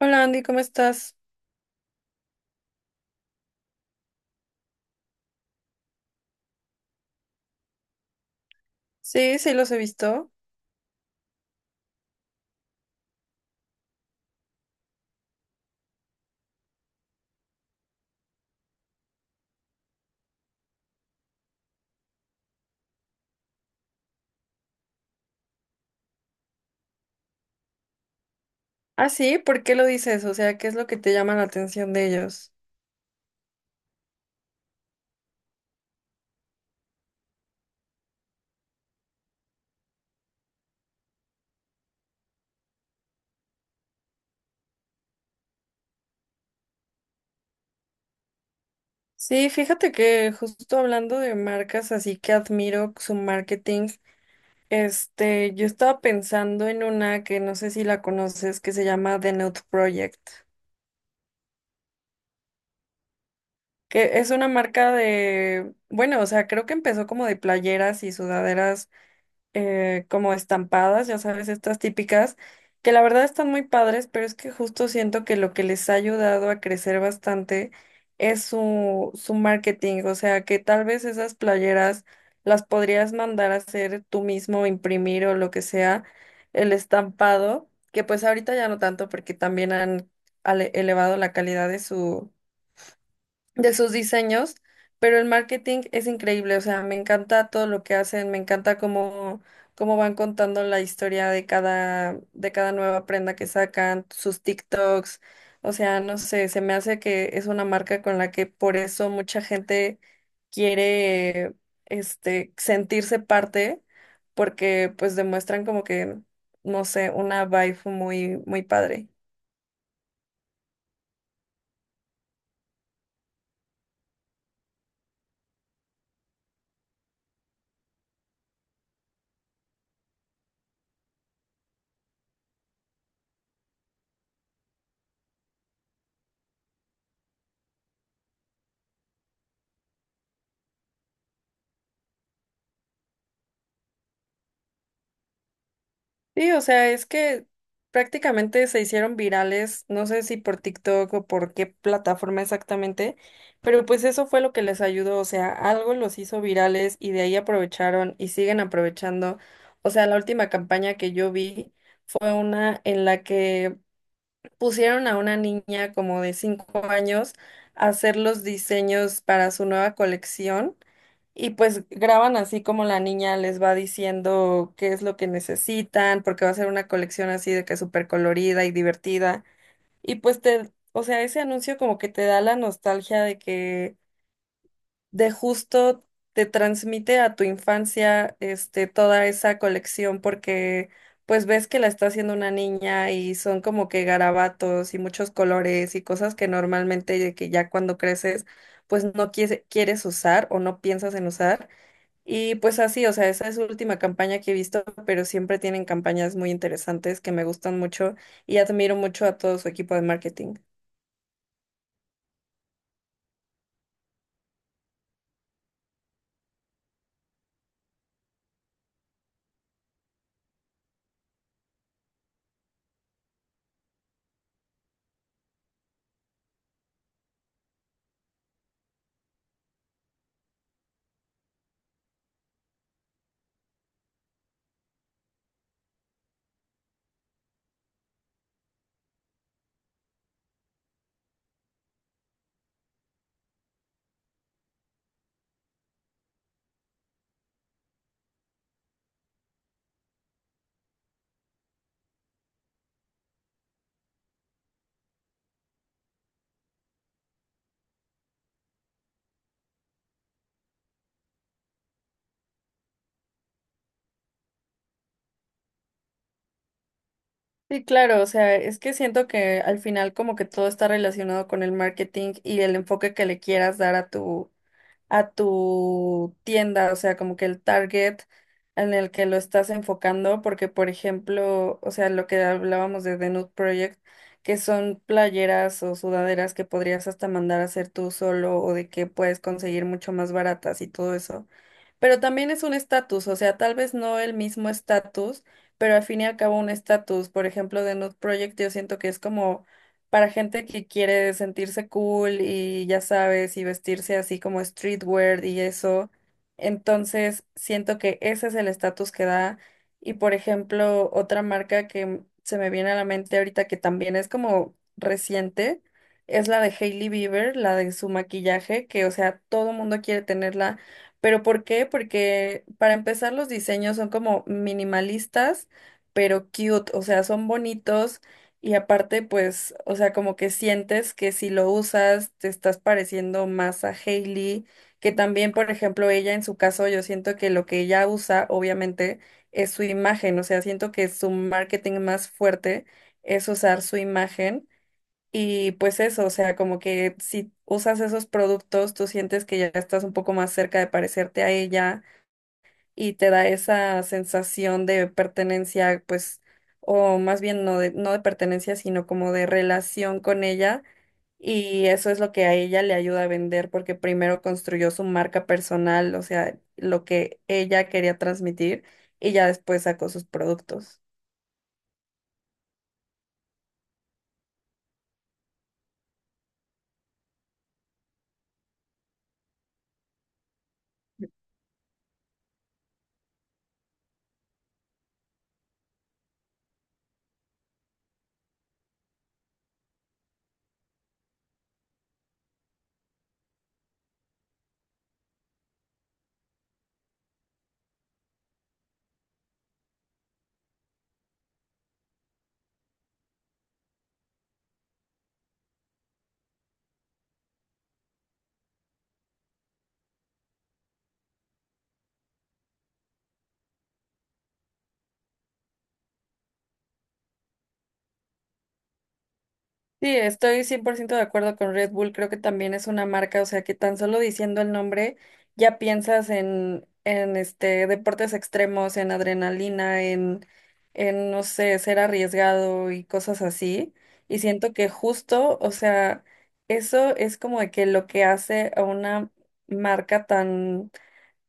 Hola Andy, ¿cómo estás? Sí, sí los he visto. Ah, sí, ¿por qué lo dices? O sea, ¿qué es lo que te llama la atención de ellos? Sí, fíjate que justo hablando de marcas, así que admiro su marketing. Este, yo estaba pensando en una que no sé si la conoces, que se llama The Nude Project, que es una marca de, bueno, o sea, creo que empezó como de playeras y sudaderas como estampadas, ya sabes, estas típicas, que la verdad están muy padres, pero es que justo siento que lo que les ha ayudado a crecer bastante es su marketing, o sea, que tal vez esas playeras las podrías mandar a hacer tú mismo, imprimir o lo que sea, el estampado, que pues ahorita ya no tanto porque también han elevado la calidad de su de sus diseños, pero el marketing es increíble, o sea, me encanta todo lo que hacen, me encanta cómo, cómo van contando la historia de cada nueva prenda que sacan, sus TikToks, o sea, no sé, se me hace que es una marca con la que por eso mucha gente quiere, este, sentirse parte, porque pues demuestran como que, no sé, una vibe muy, muy padre. Sí, o sea, es que prácticamente se hicieron virales, no sé si por TikTok o por qué plataforma exactamente, pero pues eso fue lo que les ayudó, o sea, algo los hizo virales y de ahí aprovecharon y siguen aprovechando. O sea, la última campaña que yo vi fue una en la que pusieron a una niña como de 5 años a hacer los diseños para su nueva colección. Y pues graban así como la niña les va diciendo qué es lo que necesitan, porque va a ser una colección así de que súper colorida y divertida. Y pues te, o sea, ese anuncio como que te da la nostalgia de que de justo te transmite a tu infancia este toda esa colección porque pues ves que la está haciendo una niña y son como que garabatos y muchos colores y cosas que normalmente de que ya cuando creces pues no quieres usar o no piensas en usar y pues así, o sea, esa es su última campaña que he visto, pero siempre tienen campañas muy interesantes que me gustan mucho y admiro mucho a todo su equipo de marketing. Sí, claro, o sea, es que siento que al final como que todo está relacionado con el marketing y el enfoque que le quieras dar a tu tienda, o sea, como que el target en el que lo estás enfocando, porque por ejemplo, o sea, lo que hablábamos de The Nude Project, que son playeras o sudaderas que podrías hasta mandar a hacer tú solo o de que puedes conseguir mucho más baratas y todo eso. Pero también es un estatus, o sea, tal vez no el mismo estatus, pero al fin y al cabo un estatus. Por ejemplo, The Nude Project yo siento que es como para gente que quiere sentirse cool y ya sabes, y vestirse así como streetwear y eso. Entonces, siento que ese es el estatus que da. Y por ejemplo, otra marca que se me viene a la mente ahorita que también es como reciente, es la de Hailey Bieber, la de su maquillaje, que o sea, todo mundo quiere tenerla. ¿Pero por qué? Porque para empezar los diseños son como minimalistas, pero cute, o sea, son bonitos y aparte, pues, o sea, como que sientes que si lo usas, te estás pareciendo más a Hailey, que también, por ejemplo, ella en su caso, yo siento que lo que ella usa, obviamente, es su imagen, o sea, siento que su marketing más fuerte es usar su imagen y pues eso, o sea, como que si usas esos productos, tú sientes que ya estás un poco más cerca de parecerte a ella y te da esa sensación de pertenencia, pues, o más bien no de, pertenencia, sino como de relación con ella. Y eso es lo que a ella le ayuda a vender porque primero construyó su marca personal, o sea, lo que ella quería transmitir y ya después sacó sus productos. Sí, estoy 100% de acuerdo con Red Bull. Creo que también es una marca, o sea, que tan solo diciendo el nombre ya piensas en este, deportes extremos, en adrenalina, en, no sé, ser arriesgado y cosas así. Y siento que justo, o sea, eso es como de que lo que hace a una marca tan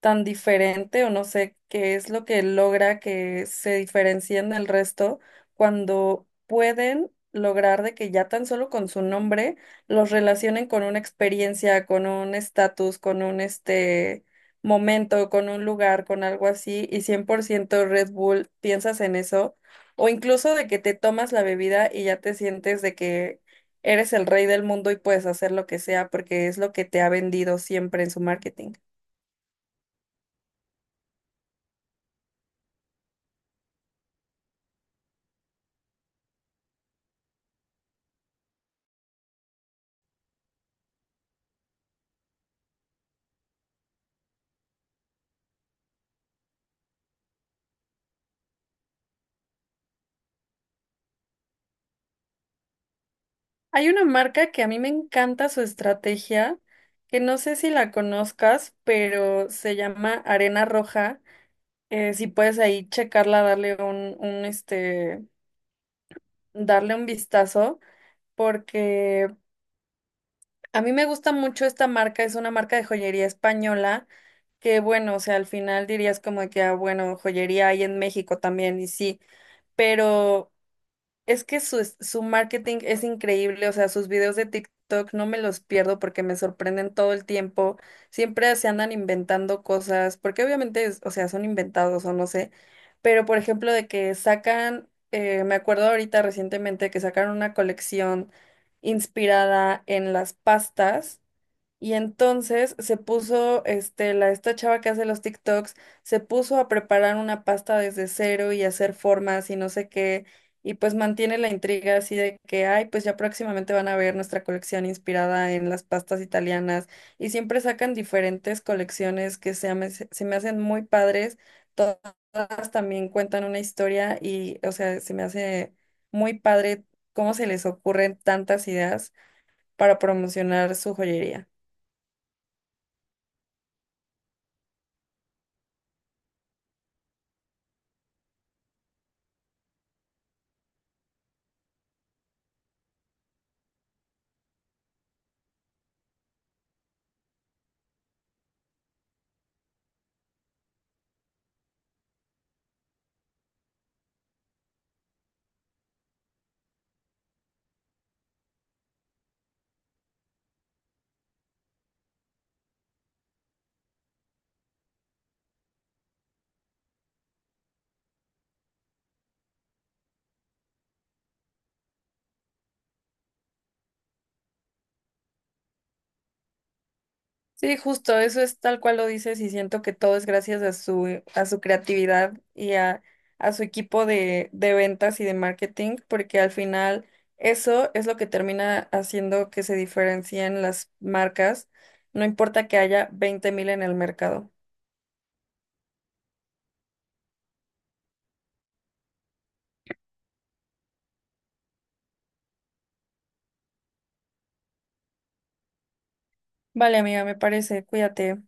tan diferente o no sé qué es lo que logra que se diferencien del resto cuando pueden lograr de que ya tan solo con su nombre los relacionen con una experiencia, con un estatus, con un este momento, con un lugar, con algo así y 100% Red Bull, piensas en eso o incluso de que te tomas la bebida y ya te sientes de que eres el rey del mundo y puedes hacer lo que sea porque es lo que te ha vendido siempre en su marketing. Hay una marca que a mí me encanta su estrategia, que no sé si la conozcas, pero se llama Arena Roja. Si puedes ahí checarla, darle este, darle un vistazo, porque a mí me gusta mucho esta marca, es una marca de joyería española, que bueno, o sea, al final dirías como que, ah, bueno, joyería hay en México también, y sí, pero es que su, su marketing es increíble, o sea, sus videos de TikTok no me los pierdo porque me sorprenden todo el tiempo. Siempre se andan inventando cosas, porque obviamente, o sea, son inventados o no sé. Pero, por ejemplo, de que sacan, me acuerdo ahorita recientemente que sacaron una colección inspirada en las pastas y entonces se puso, este, la, esta chava que hace los TikToks, se puso a preparar una pasta desde cero y hacer formas y no sé qué, y pues mantiene la intriga así de que, ay, pues ya próximamente van a ver nuestra colección inspirada en las pastas italianas, y siempre sacan diferentes colecciones que se, se me hacen muy padres, todas también cuentan una historia y, o sea, se me hace muy padre cómo se les ocurren tantas ideas para promocionar su joyería. Sí, justo, eso es tal cual lo dices y siento que todo es gracias a su creatividad y a, su equipo de ventas y de marketing, porque al final eso es lo que termina haciendo que se diferencien las marcas, no importa que haya 20,000 en el mercado. Vale, amiga, me parece, cuídate.